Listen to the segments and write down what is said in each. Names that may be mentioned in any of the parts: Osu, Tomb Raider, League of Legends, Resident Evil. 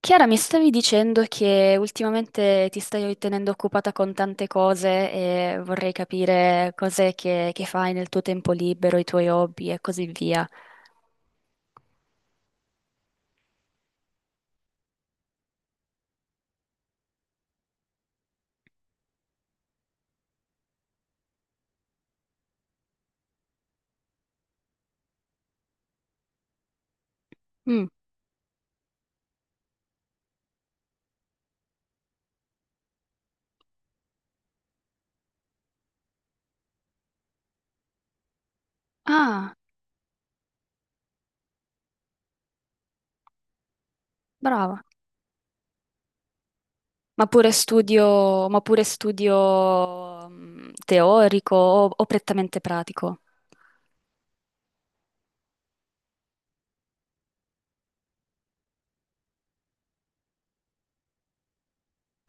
Chiara, mi stavi dicendo che ultimamente ti stai tenendo occupata con tante cose e vorrei capire cos'è che fai nel tuo tempo libero, i tuoi hobby e così via. Mm. Ah, brava. Ma pure studio teorico o prettamente pratico?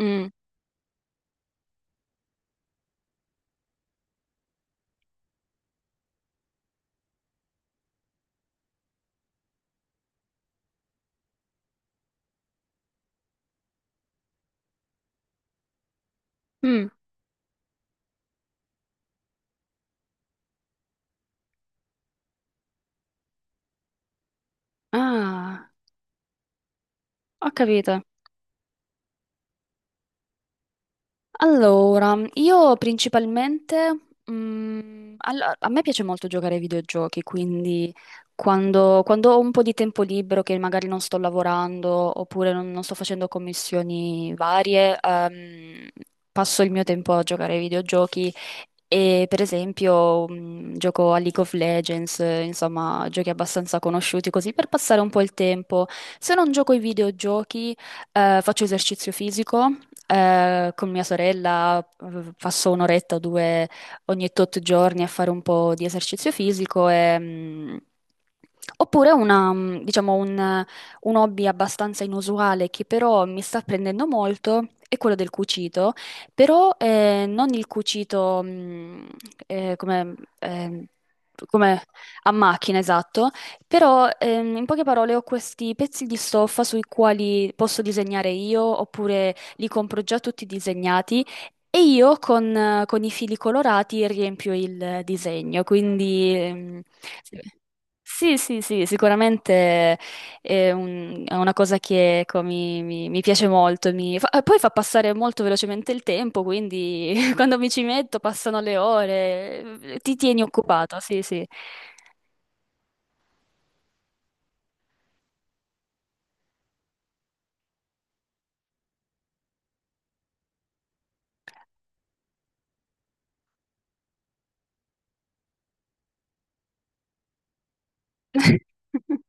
Mm. Mm. Ah, ho capito. Allora, io principalmente, a me piace molto giocare ai videogiochi, quindi quando ho un po' di tempo libero, che magari non sto lavorando oppure non sto facendo commissioni varie, passo il mio tempo a giocare ai videogiochi e per esempio, gioco a League of Legends, insomma, giochi abbastanza conosciuti così per passare un po' il tempo. Se non gioco ai videogiochi, faccio esercizio fisico con mia sorella passo un'oretta o due ogni tot giorni a fare un po' di esercizio fisico e, mm, oppure una, diciamo un hobby abbastanza inusuale che però mi sta prendendo molto è quello del cucito, però non il cucito eh, come, eh, come a macchina, esatto, però in poche parole ho questi pezzi di stoffa sui quali posso disegnare io oppure li compro già tutti disegnati e io con i fili colorati riempio il disegno. Quindi sì, sì, sì, sicuramente è, è una cosa che ecco, mi piace molto. Poi fa passare molto velocemente il tempo, quindi quando mi ci metto passano le ore, ti tieni occupato, sì, sì.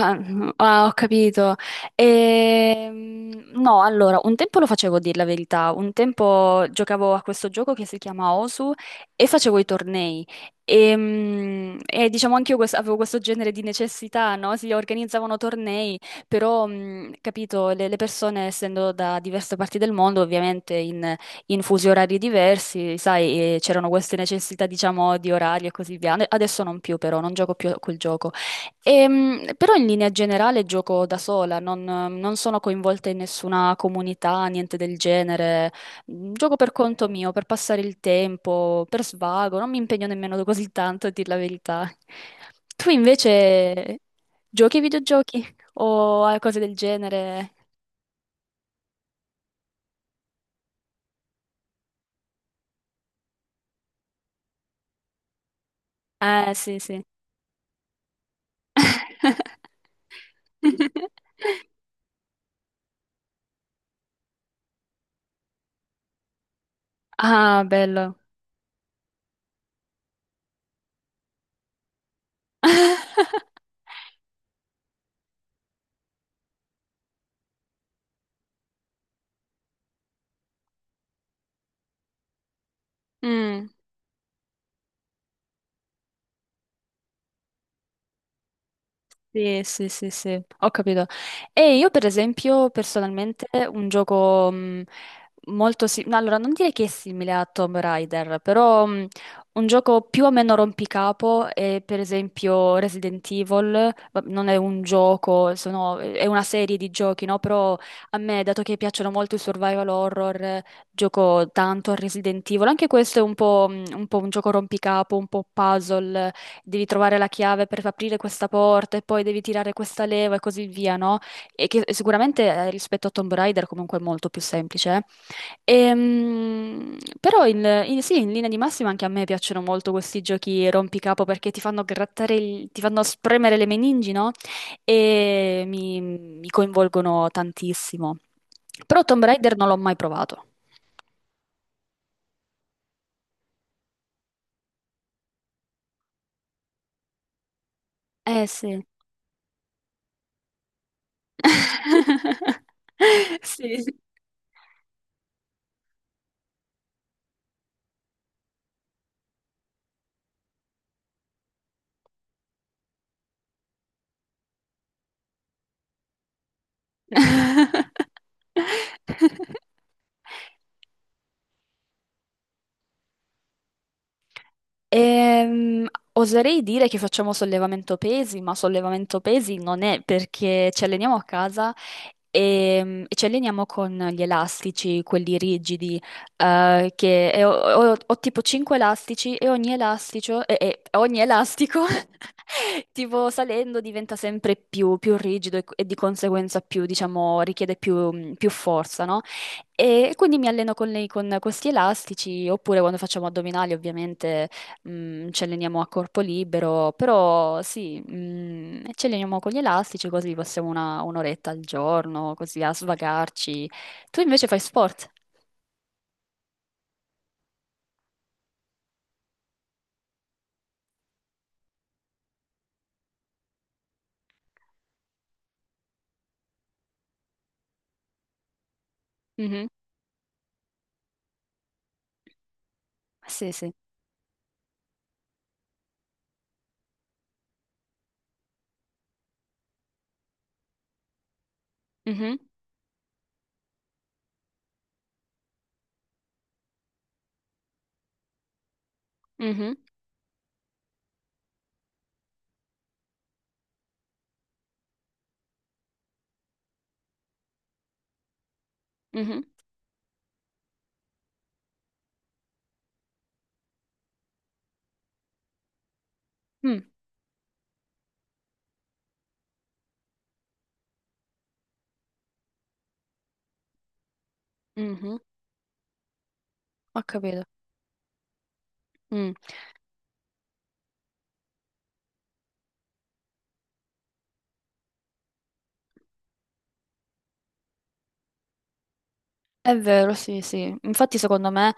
Ah, no, ah, ho capito. No, allora, un tempo lo facevo, a dir la verità. Un tempo giocavo a questo gioco che si chiama Osu e facevo i tornei. E, diciamo anche io avevo questo genere di necessità, no? Si organizzavano tornei, però, capito, le persone, essendo da diverse parti del mondo, ovviamente in fusi orari diversi, sai, c'erano queste necessità, diciamo, di orario e così via. Adesso non più, però, non gioco più a quel gioco. Però in linea generale gioco da sola, non sono coinvolta in nessuna comunità, niente del genere. Mm, gioco per conto mio, per passare il tempo, per svago, non mi impegno nemmeno così tanto, a dir la verità. Tu invece giochi ai videogiochi o a cose del genere? Sì, sì. Ah, bello. Mm. Sì, sì, sì, sì, ho capito. E io per esempio personalmente un gioco molto simile, allora non direi che è simile a Tomb Raider, però un gioco più o meno rompicapo è per esempio Resident Evil. Non è un gioco, è una serie di giochi, no? Però a me, dato che piacciono molto i survival horror, gioco tanto a Resident Evil, anche questo è un po', un po' un gioco rompicapo, un po' puzzle, devi trovare la chiave per aprire questa porta e poi devi tirare questa leva e così via, no? E che sicuramente rispetto a Tomb Raider comunque è molto più semplice. Eh. Sì, in linea di massima anche a me piacciono molto questi giochi rompicapo perché ti fanno grattare, ti fanno spremere le meningi, no? E mi coinvolgono tantissimo. Però Tomb Raider non l'ho mai provato. Eh sì. Sì. Sì. Ehm, Oserei dire che facciamo sollevamento pesi, ma sollevamento pesi non è perché ci alleniamo a casa e ci alleniamo con gli elastici, quelli rigidi, che e ho, ho tipo 5 elastici e ogni elastico, e ogni elastico tipo salendo diventa sempre più, più rigido e di conseguenza più, diciamo, richiede più, più forza, no? E quindi mi alleno con lei con questi elastici, oppure quando facciamo addominali, ovviamente ci alleniamo a corpo libero, però sì, ci alleniamo con gli elastici così passiamo una, un'oretta al giorno, così a svagarci. Tu invece fai sport? Mhm. Sì, sì. Mhm, mhm, mhm, mm, mhm. Ho capito. Mm. È vero, sì, sì. Infatti, secondo me,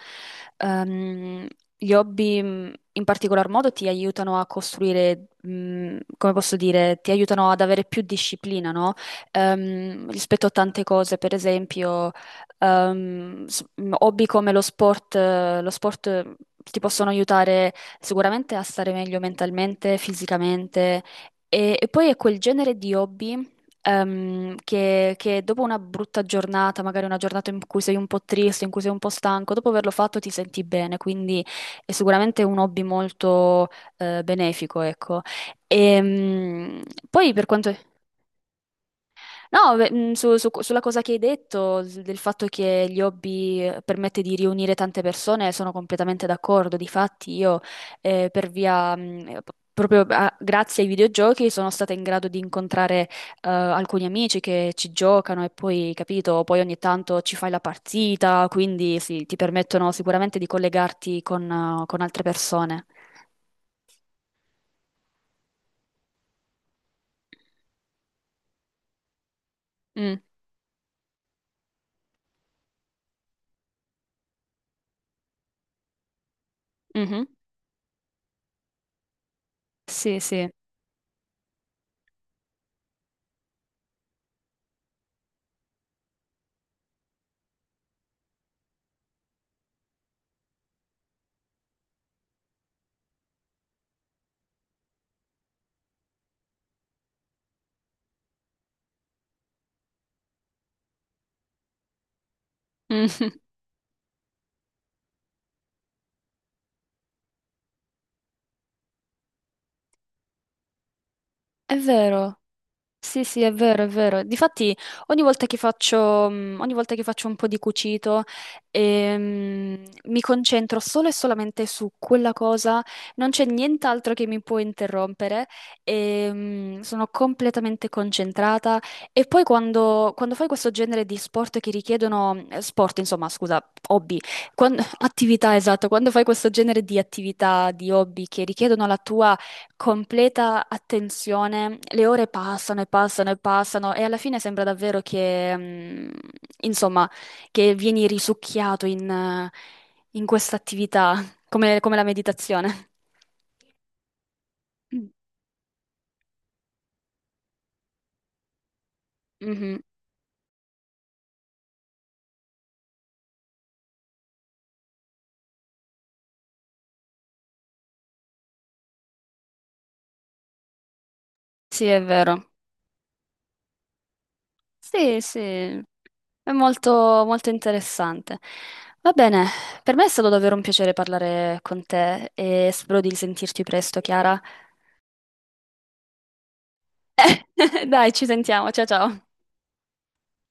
ehm, gli hobby in particolar modo ti aiutano a costruire, come posso dire, ti aiutano ad avere più disciplina, no? Rispetto a tante cose, per esempio, hobby come lo sport ti possono aiutare sicuramente a stare meglio mentalmente, fisicamente. E poi è quel genere di hobby che dopo una brutta giornata, magari una giornata in cui sei un po' triste, in cui sei un po' stanco, dopo averlo fatto ti senti bene, quindi è sicuramente un hobby molto benefico, ecco. E, poi per quanto... No, beh, sulla cosa che hai detto, del fatto che gli hobby permette di riunire tante persone, sono completamente d'accordo. Difatti, io per via, proprio grazie ai videogiochi, sono stata in grado di incontrare alcuni amici che ci giocano e poi, capito, poi ogni tanto ci fai la partita, quindi sì, ti permettono sicuramente di collegarti con altre persone. Mm, mhm. Sì, sì. Mhm. È vero. Sì, sì, è vero, è vero. Difatti, ogni volta che faccio, ogni volta che faccio un po' di cucito, mi concentro solo e solamente su quella cosa, non c'è nient'altro che mi può interrompere, sono completamente concentrata. E poi quando fai questo genere di sport che richiedono, sport, insomma, scusa, hobby, attività, esatto, quando fai questo genere di attività, di hobby che richiedono la tua completa attenzione, le ore passano e passano e passano e alla fine sembra davvero che, mm, insomma, che vieni risucchiato in, in questa attività, come la meditazione. Mhm. Sì, è vero. Sì, sì, è molto, molto interessante. Va bene, per me è stato davvero un piacere parlare con te e spero di risentirti presto, Chiara. Dai, ci sentiamo, ciao ciao.